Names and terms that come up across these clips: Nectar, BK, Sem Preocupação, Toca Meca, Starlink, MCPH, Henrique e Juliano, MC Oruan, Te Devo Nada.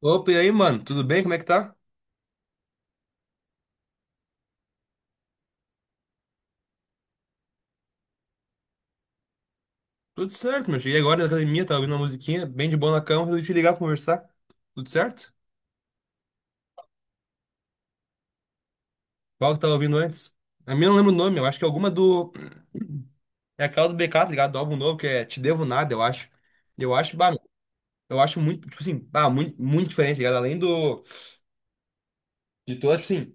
Opa, e aí, mano? Tudo bem? Como é que tá? Tudo certo, meu. Cheguei agora na academia, tava ouvindo uma musiquinha bem de boa na cama, resolvi te ligar pra conversar. Tudo certo? Qual que tava ouvindo antes? A minha eu não lembro o nome, eu acho que é alguma do. É aquela do BK, tá ligado? Do álbum novo, que é Te Devo Nada, eu acho. Eu acho, bah, meu, eu acho muito, tipo assim, bah, muito diferente, tá ligado? Além do. De todas, tipo assim.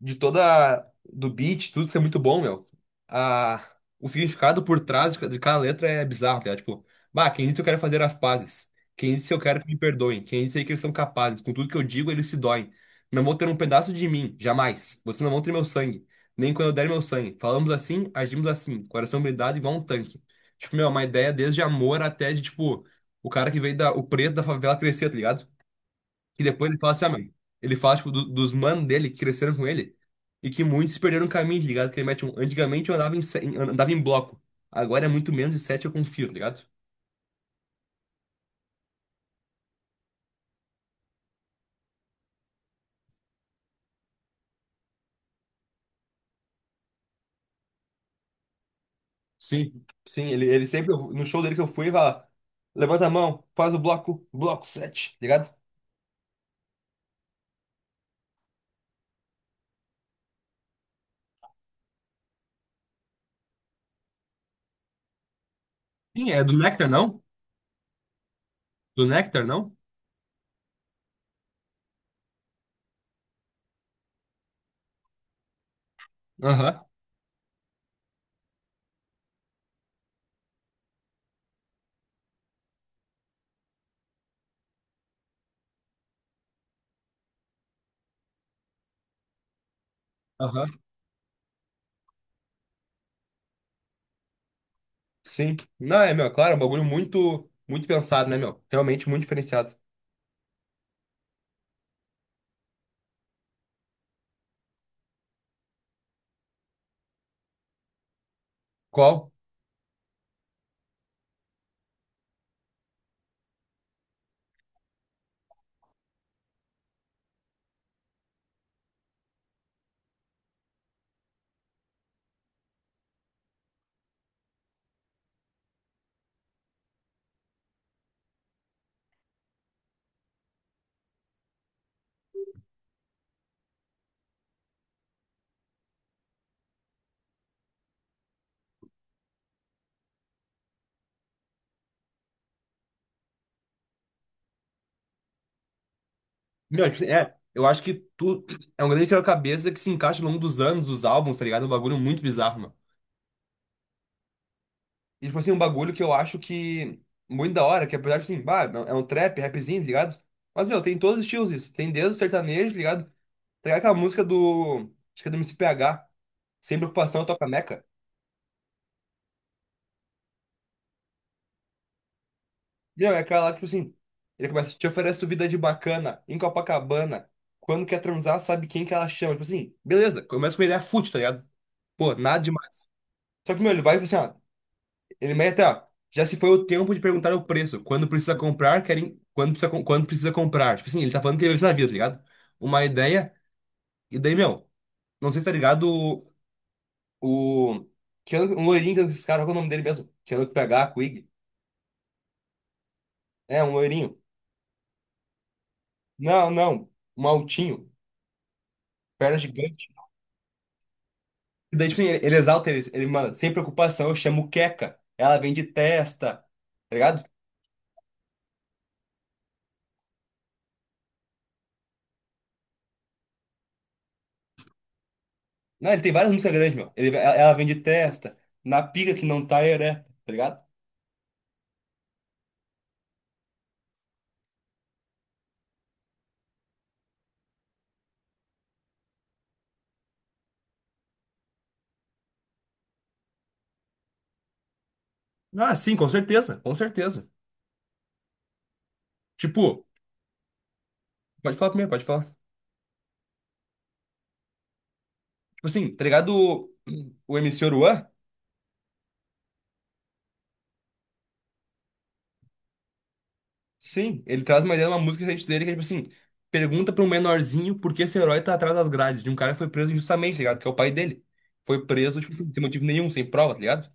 De toda do beat, tudo isso é muito bom, meu. A, o significado por trás de cada letra é bizarro, tá ligado? Tipo, bah, quem disse eu quero fazer as pazes? Quem disse eu quero que me perdoem? Quem disse aí que eles são capazes? Com tudo que eu digo, eles se doem. Não vão ter um pedaço de mim, jamais. Vocês não vão ter meu sangue, nem quando eu der meu sangue. Falamos assim, agimos assim, coração blindado igual um tanque. Tipo, meu, uma ideia desde amor até de, tipo, o cara que veio da, o preto da favela crescer, tá ligado? E depois ele fala assim, ah, meu, ele fala, tipo, dos manos dele que cresceram com ele e que muitos perderam o caminho, tá ligado? Que ele mete um, antigamente eu andava em, andava em bloco, agora é muito menos de sete eu confio, tá ligado? Sim, sim, ele sempre, no show dele que eu fui, ele fala, levanta a mão, faz o bloco, bloco sete, tá ligado? Sim, é do Nectar, não? Do Nectar, não? Aham, aham. Sim. Não, é, meu, claro, é um bagulho muito pensado, né, meu? Realmente muito diferenciado. Qual? Meu, é, eu acho que tu é um grande quebra-cabeça que se encaixa ao longo dos anos, dos álbuns, tá ligado? É um bagulho muito bizarro, mano. E, tipo assim, um bagulho que eu acho que muito da hora, que apesar de, assim, bah, é um trap, rapzinho, tá ligado? Mas, meu, tem todos os estilos isso. Tem desde o sertanejo, tá ligado? Tá ligado aquela música do, acho que é do MCPH, Sem Preocupação, Toca Meca? Meu, é aquela lá que, tipo assim, ele começa, te oferece vida de bacana, em Copacabana, quando quer transar, sabe quem que ela chama. Tipo assim, beleza, começa com uma ideia fútil, tá ligado? Pô, nada demais. Só que, meu, ele vai, tipo assim, ó, ele mete, ó. Já se foi o tempo de perguntar o preço. Quando precisa comprar, querem. Quando precisa comprar. Tipo assim, ele tá falando que ele vai na vida, tá ligado? Uma ideia. E daí, meu, não sei se tá ligado o. o- Que ano, um loirinho que esses caras, qual é o nome dele mesmo? Que ano que pegar, a Quig. É, um loirinho. Não, não. Um altinho. Perna gigante. E daí, tipo assim, ele exalta ele, ele, mano, sem preocupação, eu chamo Queca. Ela vem de testa. Tá ligado? Não, ele tem várias músicas grandes, meu. Ele, ela vem de testa. Na pica que não tá ereta, tá ligado? Ah, sim, com certeza, com certeza. Tipo, pode falar primeiro, pode falar. Tipo assim, tá ligado o M C Oruan? Sim, ele traz uma ideia de uma música recente dele que é tipo assim, pergunta pra um menorzinho por que esse herói tá atrás das grades de um cara que foi preso injustamente, tá ligado? Que é o pai dele. Foi preso, tipo, assim, sem motivo nenhum, sem prova, tá ligado?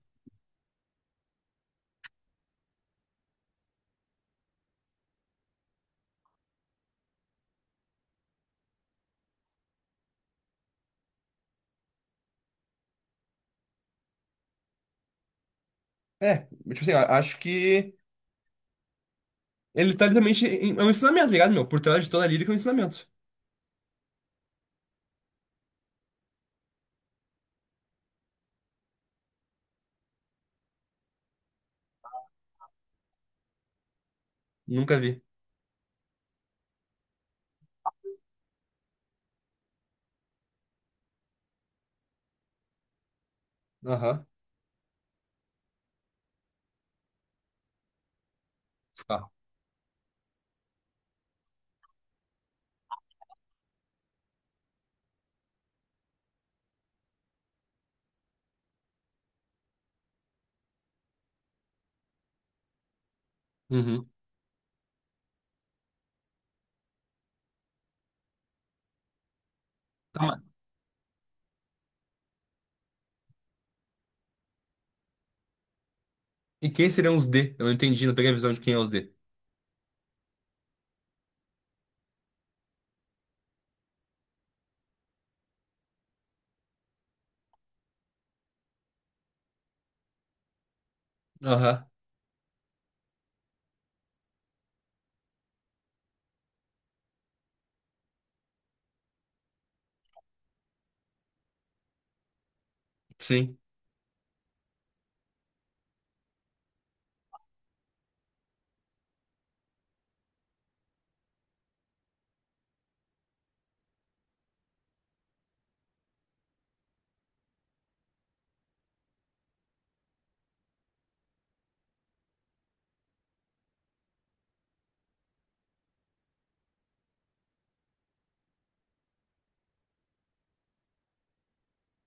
É, tipo assim, acho que ele tá literalmente, é um ensinamento, tá ligado, meu? Por trás de toda a lírica é um ensinamento. Nunca vi. Aham. Tá. Uhum. Tá, mas... E quem seriam os D? Eu não entendi, não peguei a visão de quem é os D. Aham. Sim.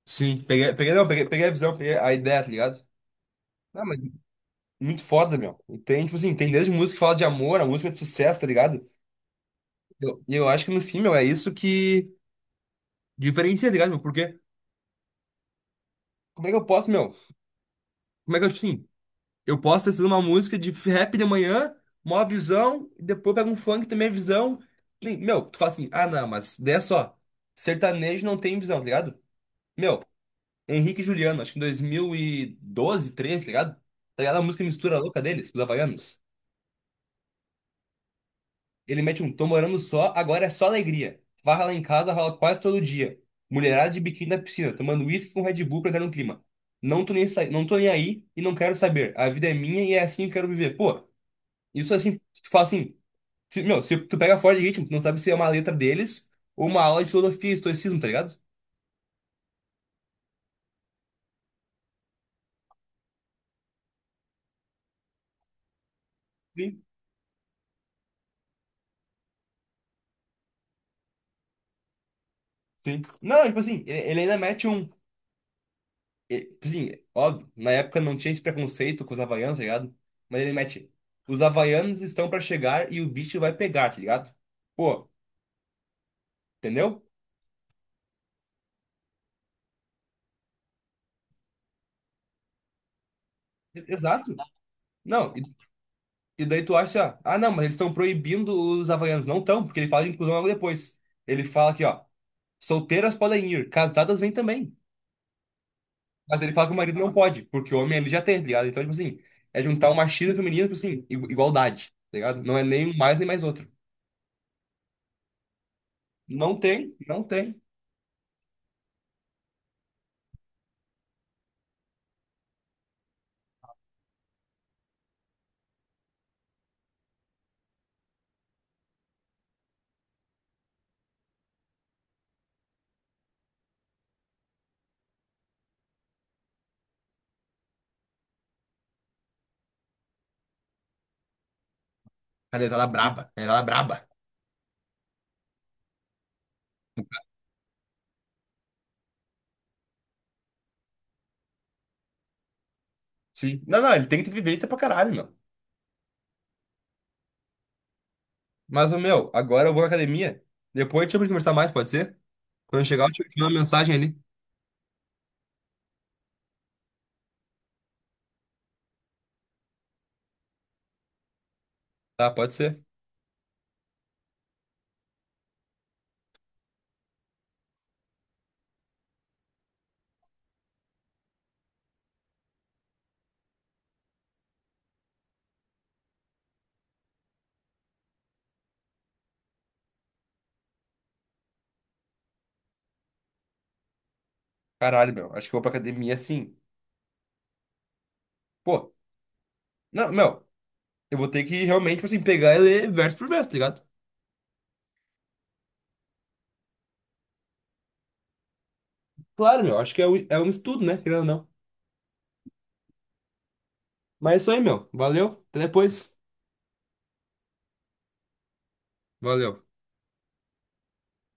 Sim, peguei, peguei, não, peguei, peguei a visão, peguei a ideia, tá ligado? Não, mas muito foda, meu. E tem, tipo assim, tem desde música que fala de amor, a música é de sucesso, tá ligado? E eu acho que no fim, meu, é isso que diferencia, tá ligado, meu? Porque como é que eu posso, meu? Como é que eu, tipo assim, eu posso ter sido uma música de rap de manhã, mó visão, e depois pega um funk também é visão. E, meu, tu fala assim, ah, não, mas daí é só. Sertanejo não tem visão, tá ligado? Meu, Henrique e Juliano, acho que em 2012, 13, tá ligado? Tá ligado a música mistura louca deles, os havaianos? Ele mete um tô morando só, agora é só alegria. Farra lá em casa rola quase todo dia. Mulherada de biquíni na piscina, tomando uísque com Red Bull pra entrar no clima. Não tô nem aí e não quero saber. A vida é minha e é assim que eu quero viver. Pô, isso assim, tu fala assim, meu, se tu pega fora de ritmo, tu não sabe se é uma letra deles ou uma aula de filosofia e estoicismo, tá ligado? Sim, sim. Não, tipo assim, ele ainda mete um. E, tipo assim, óbvio, na época não tinha esse preconceito com os havaianos, tá ligado? Mas ele mete, os havaianos estão pra chegar e o bicho vai pegar, tá ligado? Pô, entendeu? E... Exato. Não, e daí tu acha, ah, não, mas eles estão proibindo os havaianos. Não estão, porque ele fala de inclusão logo depois. Ele fala aqui, ó, solteiras podem ir, casadas vêm também. Mas ele fala que o marido não pode, porque o homem ele já tem, tá ligado? Então, tipo assim, é juntar o machismo e o feminismo, tipo assim, igualdade, tá ligado? Não é nem um mais nem mais outro. Não tem, não tem. A deitada braba. A deitada braba. Sim. Não, não, ele tem que ter vivência pra caralho, meu. Mas, ô, meu, agora eu vou na academia. Depois a gente vai conversar mais, pode ser? Quando eu chegar, eu te mando uma mensagem ali. Tá, pode ser. Caralho, meu. Acho que eu vou pra academia assim. Pô, não, meu. Eu vou ter que realmente, tipo assim, pegar e ler verso por verso, tá ligado? Claro, meu. Acho que é um estudo, né? Querendo ou não. Mas é isso aí, meu. Valeu. Até depois. Valeu.